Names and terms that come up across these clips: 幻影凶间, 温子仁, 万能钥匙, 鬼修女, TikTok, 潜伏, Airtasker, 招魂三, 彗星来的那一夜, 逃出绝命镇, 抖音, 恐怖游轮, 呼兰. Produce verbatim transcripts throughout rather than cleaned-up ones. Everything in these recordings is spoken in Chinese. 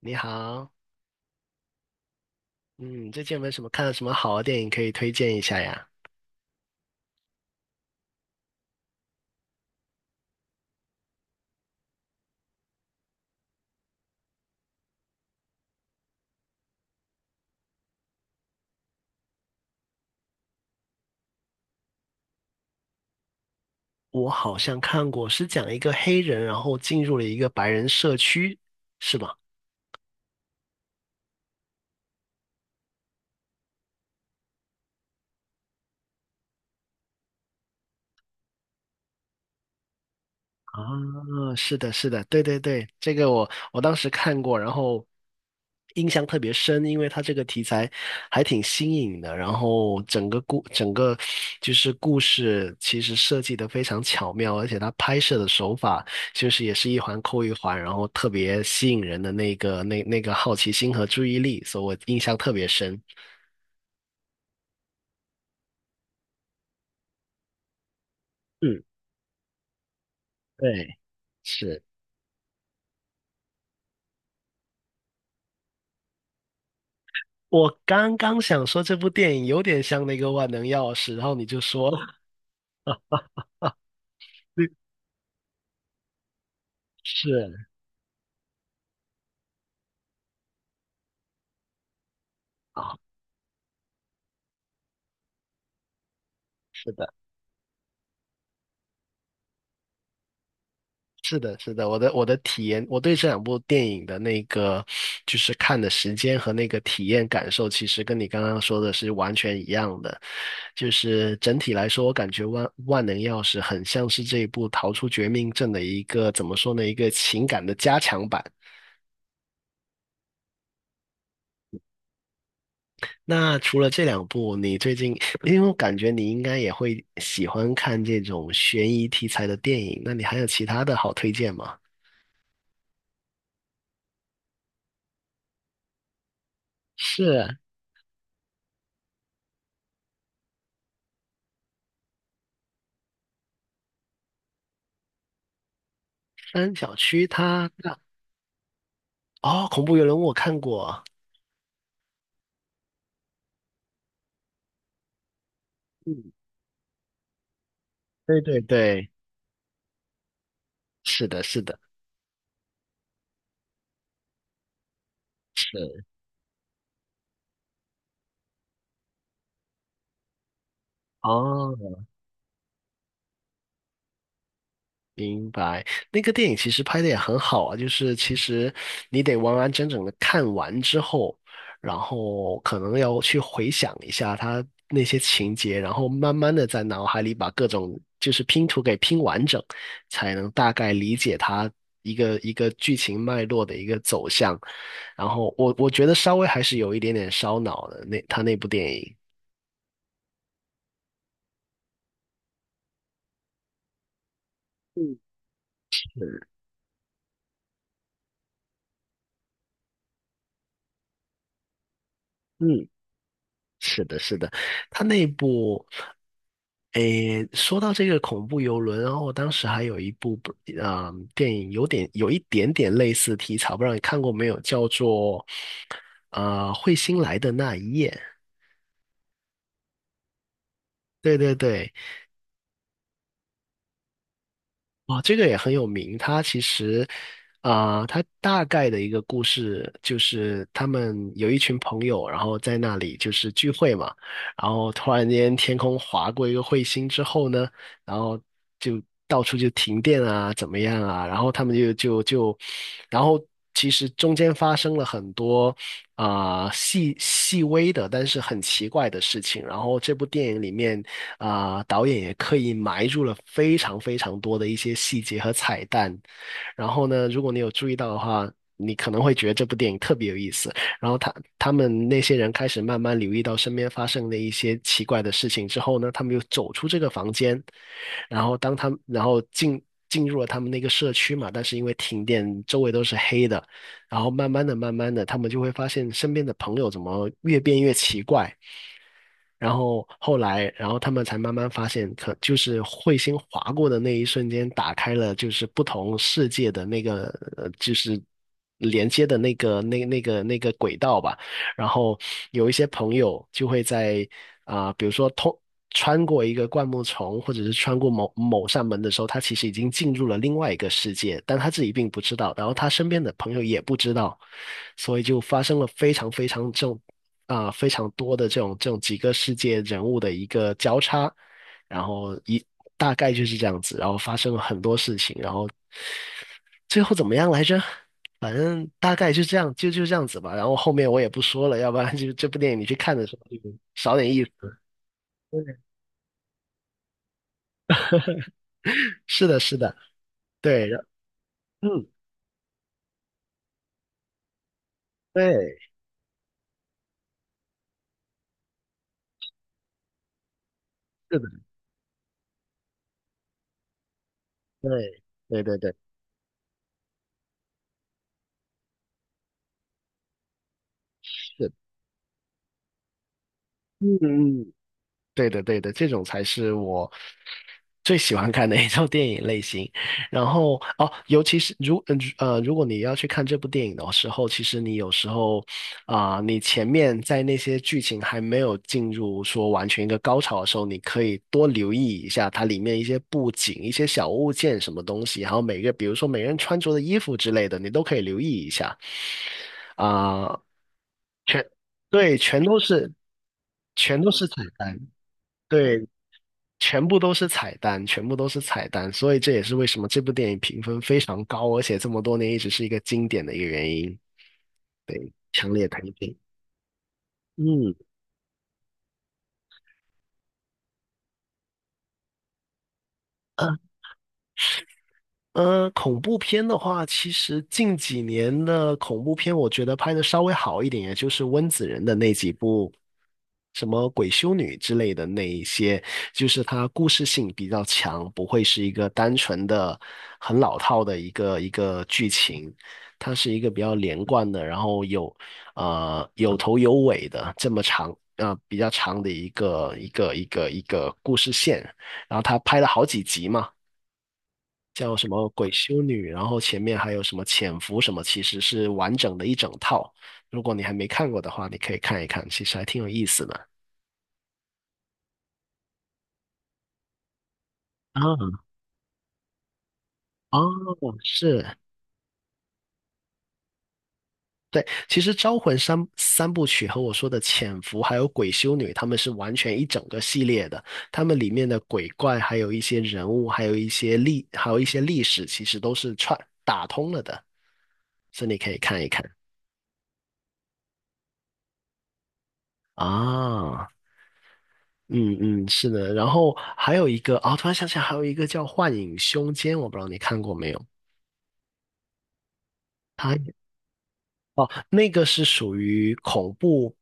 你好。嗯，最近有没有什么看了什么好的电影可以推荐一下呀？我好像看过，是讲一个黑人，然后进入了一个白人社区，是吗？啊，是的，是的，对对对，这个我我当时看过，然后印象特别深，因为它这个题材还挺新颖的，然后整个故整个就是故事其实设计的非常巧妙，而且它拍摄的手法就是也是一环扣一环，然后特别吸引人的那个那那个好奇心和注意力，所以我印象特别深。嗯，对，是。我刚刚想说这部电影有点像那个《万能钥匙》，然后你就说了。是啊，是的，是的。是的，我的我的体验，我对这两部电影的那个就是看的时间和那个体验感受，其实跟你刚刚说的是完全一样的。就是整体来说，我感觉万万能钥匙很像是这一部《逃出绝命镇》的一个怎么说呢，一个情感的加强版。那除了这两部，你最近，因为我感觉你应该也会喜欢看这种悬疑题材的电影，那你还有其他的好推荐吗？是，三角区它那。哦，恐怖游轮我看过。嗯，对对对，是的，是的，是。哦，明白。那个电影其实拍的也很好啊，就是其实你得完完整整的看完之后，然后可能要去回想一下它那些情节，然后慢慢的在脑海里把各种就是拼图给拼完整，才能大概理解它一个一个剧情脉络的一个走向。然后我我觉得稍微还是有一点点烧脑的，那他那部电影。嗯，是。嗯，是的，是的，他那部，诶，说到这个恐怖游轮，然后我当时还有一部不，啊电影有点有一点点类似题材，不知道你看过没有，叫做，呃，彗星来的那一夜。对对对。哦，这个也很有名。它其实，啊、它大概的一个故事就是他们有一群朋友，然后在那里就是聚会嘛，然后突然间天空划过一个彗星之后呢，然后就到处就停电啊，怎么样啊，然后他们就就就，然后其实中间发生了很多啊、细细微的，但是很奇怪的事情。然后这部电影里面啊、导演也刻意埋入了非常非常多的一些细节和彩蛋。然后呢，如果你有注意到的话，你可能会觉得这部电影特别有意思。然后他他们那些人开始慢慢留意到身边发生的一些奇怪的事情之后呢，他们又走出这个房间，然后当他们然后进进入了他们那个社区嘛，但是因为停电，周围都是黑的，然后慢慢的、慢慢的，他们就会发现身边的朋友怎么越变越奇怪。然后后来，然后他们才慢慢发现，可就是彗星划过的那一瞬间，打开了就是不同世界的那个，呃，就是连接的那个那那个那个轨道吧。然后有一些朋友就会在啊、比如说通穿过一个灌木丛，或者是穿过某某扇门的时候，他其实已经进入了另外一个世界，但他自己并不知道，然后他身边的朋友也不知道，所以就发生了非常非常重。啊、非常多的这种这种几个世界人物的一个交叉，然后一大概就是这样子，然后发生了很多事情，然后最后怎么样来着？反正大概就这样，就就这样子吧。然后后面我也不说了，要不然就这部电影你去看的时候就少点意思。对，是的，是的。对，然。嗯，对，是的，对，对对对，是的。嗯嗯。对的，对的，这种才是我最喜欢看的一种电影类型。然后哦，尤其是如呃呃如果你要去看这部电影的时候，其实你有时候啊、你前面在那些剧情还没有进入说完全一个高潮的时候，你可以多留意一下它里面一些布景、一些小物件、什么东西，然后每个比如说每个人穿着的衣服之类的，你都可以留意一下。啊、全对，全都是全都是彩蛋。对，全部都是彩蛋，全部都是彩蛋，所以这也是为什么这部电影评分非常高，而且这么多年一直是一个经典的一个原因。对，强烈推荐。嗯。啊。呃，恐怖片的话，其实近几年的恐怖片，我觉得拍的稍微好一点，也就是温子仁的那几部，什么《鬼修女》之类的那一些，就是它故事性比较强，不会是一个单纯的、很老套的一个一个剧情，它是一个比较连贯的，然后有呃有头有尾的这么长啊呃比较长的一个一个一个一个故事线，然后它拍了好几集嘛。叫什么《鬼修女》，然后前面还有什么《潜伏》什么，其实是完整的一整套。如果你还没看过的话，你可以看一看，其实还挺有意思的。啊，哦，是。对，其实《招魂三》三部曲和我说的《潜伏》还有《鬼修女》，他们是完全一整个系列的。他们里面的鬼怪，还有一些人物，还有一些历，还有一些历史，其实都是串打通了的，所以你可以看一看啊。嗯嗯，是的。然后还有一个啊、突然想起来还有一个叫《幻影凶间》，我不知道你看过没有？它哦，那个是属于恐怖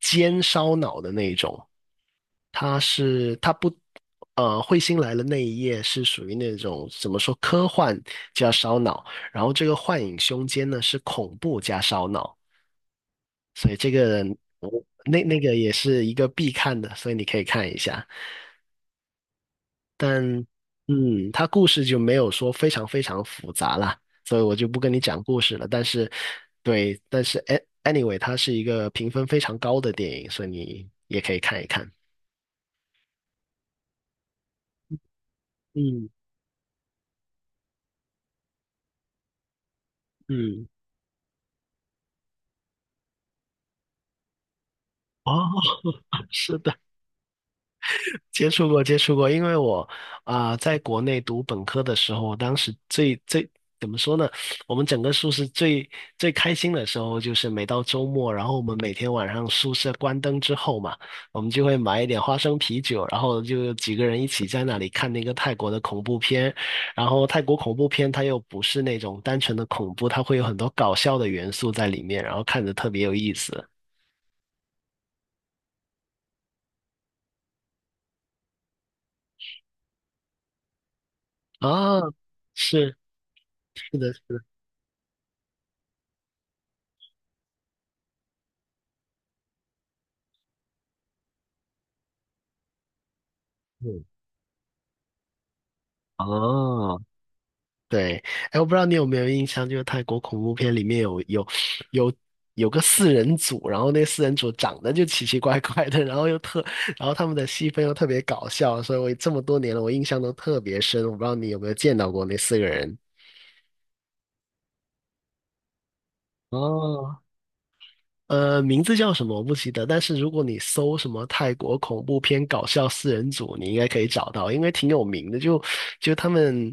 煎烧脑的那一种，它是它不呃，彗星来了那一夜是属于那种怎么说科幻加烧脑，然后这个幻影凶间呢是恐怖加烧脑。哦，那那个也是一个必看的，所以你可以看一下。但嗯，它故事就没有说非常非常复杂啦，所以我就不跟你讲故事了。但是，对，但是 a- anyway，它是一个评分非常高的电影，所以你也可以看一看。嗯嗯，哦。是的。接触过，接触过，因为我啊、在国内读本科的时候，我当时最最怎么说呢？我们整个宿舍最最开心的时候，就是每到周末，然后我们每天晚上宿舍关灯之后嘛，我们就会买一点花生啤酒，然后就几个人一起在那里看那个泰国的恐怖片。然后泰国恐怖片它又不是那种单纯的恐怖，它会有很多搞笑的元素在里面，然后看着特别有意思啊。是，是的，是的，嗯，哦。对，哎，我不知道你有没有印象，就是泰国恐怖片里面有有有有个四人组，然后那四人组长得就奇奇怪怪的，然后又特，然后他们的戏份又特别搞笑，所以我这么多年了，我印象都特别深。我不知道你有没有见到过那四个人。哦，呃，名字叫什么我不记得，但是如果你搜什么泰国恐怖片搞笑四人组，你应该可以找到，因为挺有名的。就就他们，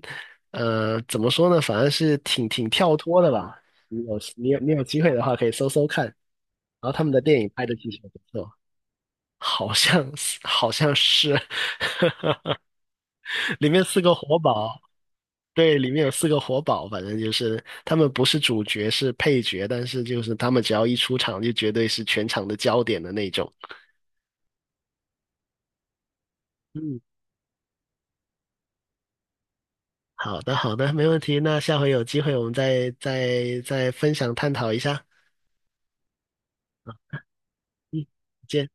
呃，怎么说呢？反正是挺挺跳脱的吧。你有你有你有机会的话，可以搜搜看。然后他们的电影拍的其实也不错，好像是好像是。里面四个活宝。对，里面有四个活宝，反正就是他们不是主角，是配角，但是就是他们只要一出场，就绝对是全场的焦点的那种。嗯，好的，好的，没问题。那下回有机会我们再再再分享探讨一下。嗯，再见。